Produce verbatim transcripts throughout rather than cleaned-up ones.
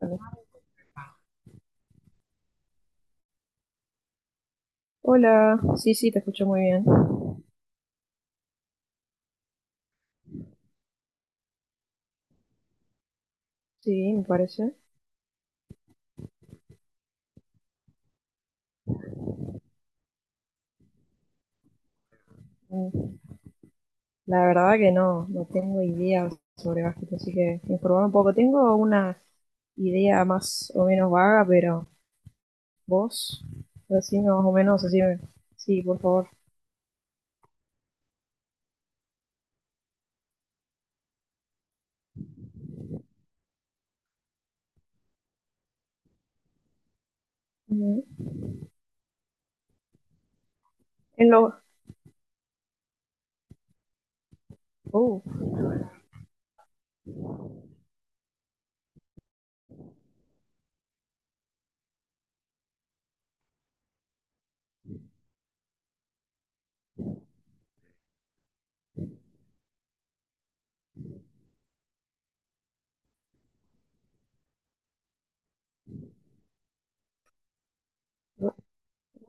Vale. Hola, sí, sí, te escucho muy bien. Sí, me parece. Mm, La verdad que no, no tengo idea sobre básquet, así que informar un poco. Tengo una idea más o menos vaga, pero vos, decime más o menos, decime. Sí, por favor. Ujú. En lo... Oh,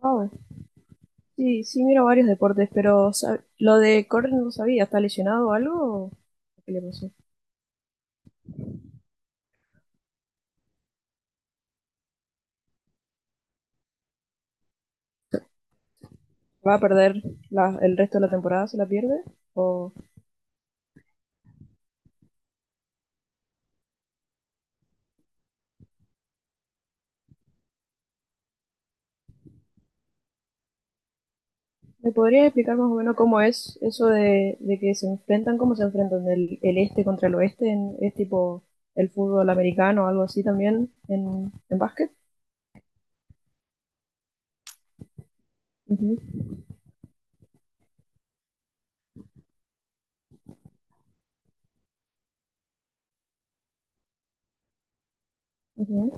wow. Sí, sí, miro varios deportes, pero sab- lo de correr no lo sabía. ¿Está lesionado o algo? ¿Qué le pasó? ¿Va a perder la- el resto de la temporada? ¿Se la pierde? ¿O...? ¿Me podrías explicar más o menos cómo es eso de, de que se enfrentan, cómo se enfrentan el, el este contra el oeste? En, ¿Es tipo el fútbol americano o algo así también en, en básquet? Ujú, ujú.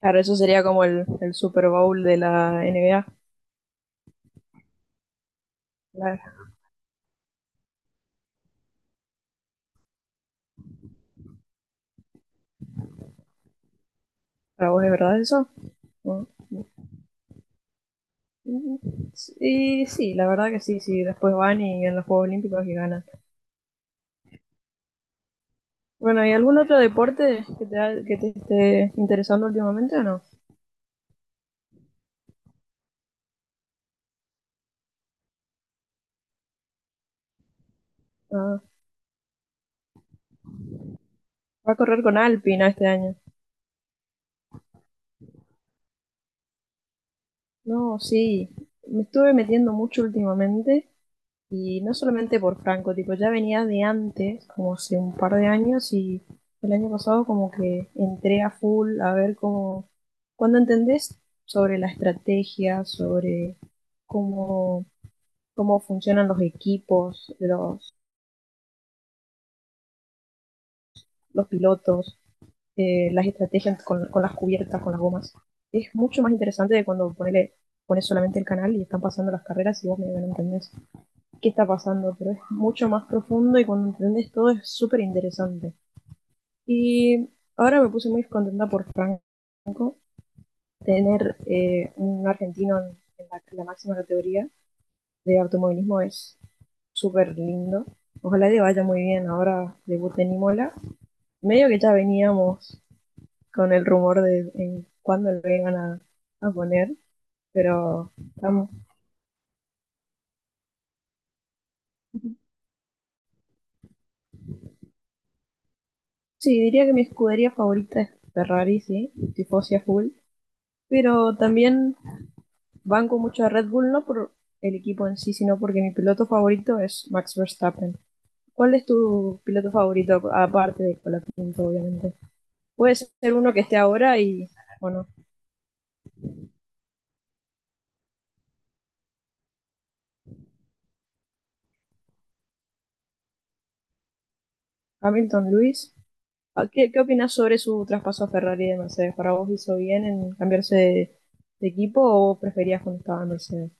Claro, eso sería como el, el Super Bowl de la N B A. Claro, ¿para vos es verdad eso? No, no. Sí, sí, la verdad que sí, sí. Después van y en los Juegos Olímpicos y ganan. Bueno, ¿y algún otro deporte que te, ha- que te esté interesando últimamente o no? Ah, va a correr con Alpina este año. No, sí, me estuve metiendo mucho últimamente y no solamente por Franco, tipo, ya venía de antes, como hace un par de años y el año pasado como que entré a full a ver cómo, cuando entendés sobre la estrategia, sobre cómo, cómo funcionan los equipos, los, los pilotos, eh, las estrategias con, con las cubiertas, con las gomas, es mucho más interesante de cuando ponele, pones solamente el canal y están pasando las carreras y vos medio que no entendés qué está pasando, pero es mucho más profundo y cuando entendés todo es súper interesante. Y ahora me puse muy contenta por Franco, tener eh, un argentino en la, en la máxima categoría de automovilismo es súper lindo. Ojalá le vaya muy bien ahora debut en Imola. Medio que ya veníamos con el rumor de en cuándo lo iban a, a poner, pero estamos. Sí, diría que mi escudería favorita es Ferrari, sí, tifosi a full. Pero también banco mucho a Red Bull, no por el equipo en sí, sino porque mi piloto favorito es Max Verstappen. ¿Cuál es tu piloto favorito, aparte de Colapinto, obviamente? Puede ser uno que esté ahora y, bueno, Hamilton Lewis. ¿Qué, qué opinas sobre su traspaso a Ferrari de Mercedes? ¿Para vos hizo bien en cambiarse de, de equipo o preferías cuando estaba en Mercedes?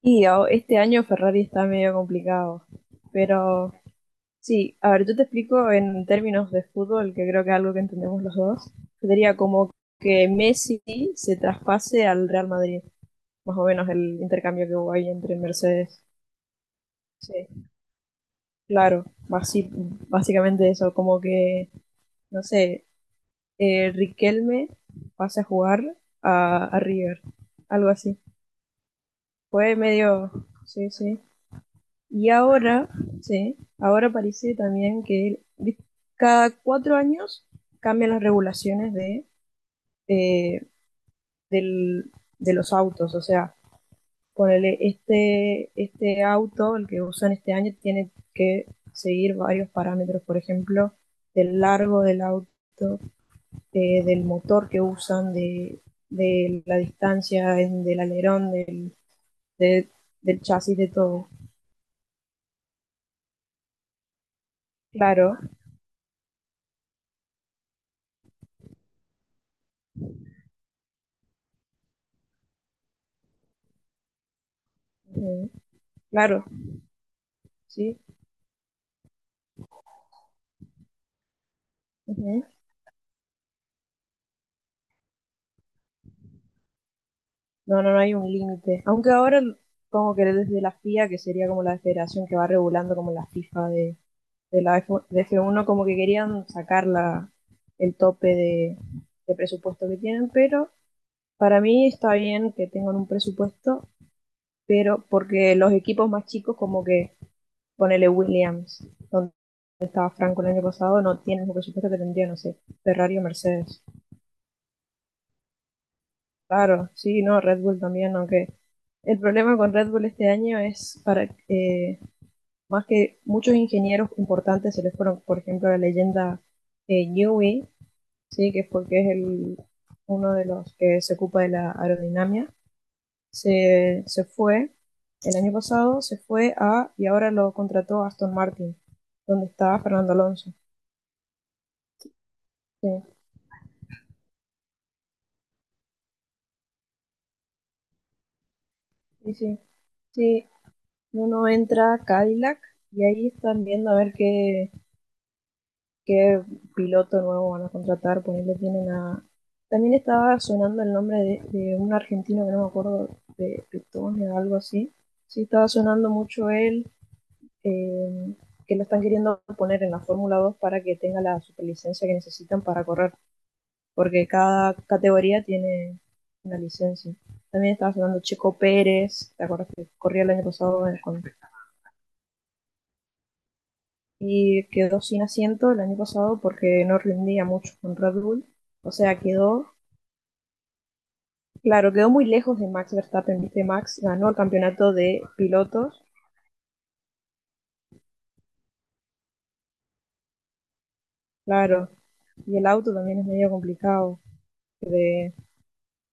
Y oh, este año Ferrari está medio complicado, pero sí, a ver, yo te explico en términos de fútbol, que creo que es algo que entendemos los dos. Sería como que Messi se traspase al Real Madrid, más o menos el intercambio que hubo ahí entre Mercedes. Sí, claro, basi- básicamente eso, como que, no sé, eh, Riquelme pase a jugar a, a River, algo así. Fue medio, sí, sí, y ahora, sí, ahora parece también que cada cuatro años cambian las regulaciones de, eh, del- de los autos. O sea, ponele este, este auto, el que usan este año, tiene que seguir varios parámetros, por ejemplo, del largo del auto, eh, del motor que usan, de, de la distancia, en- del alerón, del, de- del chasis, de todo. Claro, ujú, claro, sí. Ujú. No, no, no hay un límite. Aunque ahora como que desde la F I A, que sería como la federación que va regulando como la FIFA de, de la F, de F uno, como que querían sacar la, el tope de, de presupuesto que tienen, pero para mí está bien que tengan un presupuesto, pero porque los equipos más chicos, como que ponele Williams, donde estaba Franco el año pasado, no tienen el presupuesto que tendría, no sé, Ferrari o Mercedes. Claro, sí, no, Red Bull también, aunque el problema con Red Bull este año es para eh, más que muchos ingenieros importantes se les fueron, por ejemplo, la leyenda eh, Newey, sí, que es porque es el, uno de los que se ocupa de la aerodinámica, se, se fue el año pasado, se fue a y ahora lo contrató Aston Martin, donde estaba Fernando Alonso. Sí, sí, sí. Sí. Uno entra a Cadillac y ahí están viendo a ver qué, qué piloto nuevo van a contratar, ponerle tienen a... También estaba sonando el nombre de, de un argentino que no me acuerdo, de Petone o algo así. Sí, estaba sonando mucho él, eh, que lo están queriendo poner en la Fórmula dos para que tenga la superlicencia que necesitan para correr, porque cada categoría tiene una licencia. También estaba sonando Checo Pérez, ¿te acuerdas que corría el año pasado con y quedó sin asiento el año pasado porque no rendía mucho con Red Bull? O sea, quedó, claro, quedó muy lejos de Max Verstappen, viste, Max ganó el campeonato de pilotos, claro, y el auto también es medio complicado. De,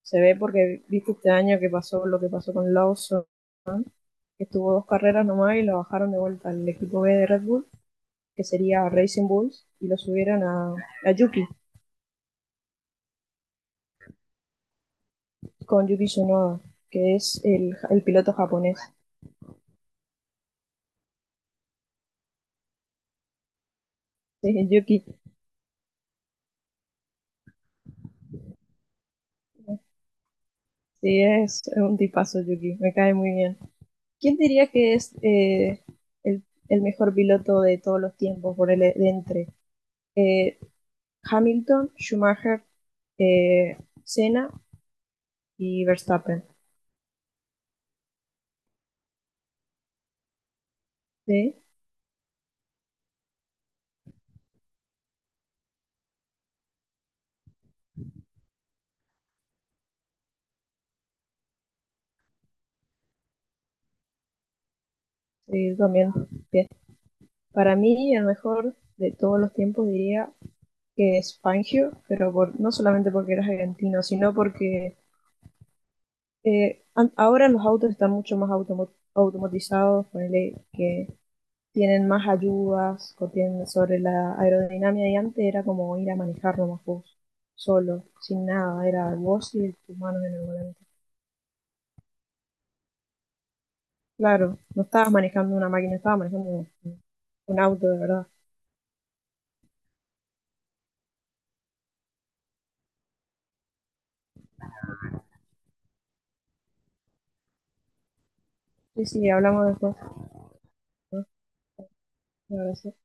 se ve porque viste este año que pasó lo que pasó con Lawson, que estuvo dos carreras nomás y lo bajaron de vuelta al equipo B de Red Bull, que sería Racing Bulls, y lo subieron a, a Yuki, con Yuki Tsunoda, que es el, el piloto japonés. Sí, Yuki. Sí, es un tipazo, Yuki. Me cae muy bien. ¿Quién diría que es eh, el, el mejor piloto de todos los tiempos por el e, de entre eh, Hamilton, Schumacher, eh, Senna y Verstappen? Sí, sí también. Bien. Para mí, el mejor de todos los tiempos diría que es Fangio, pero por, no solamente porque era argentino, sino porque eh, an- ahora los autos están mucho más automo automatizados, ponele que tienen más ayudas o tienen sobre la aerodinámica y antes era como ir a manejar nomás vos, solo, sin nada, era vos y tus manos en el volante. Claro, no estabas manejando una máquina, estabas manejando un, un auto, de verdad. Sí, sí, hablamos después. ¿No? Un abrazo.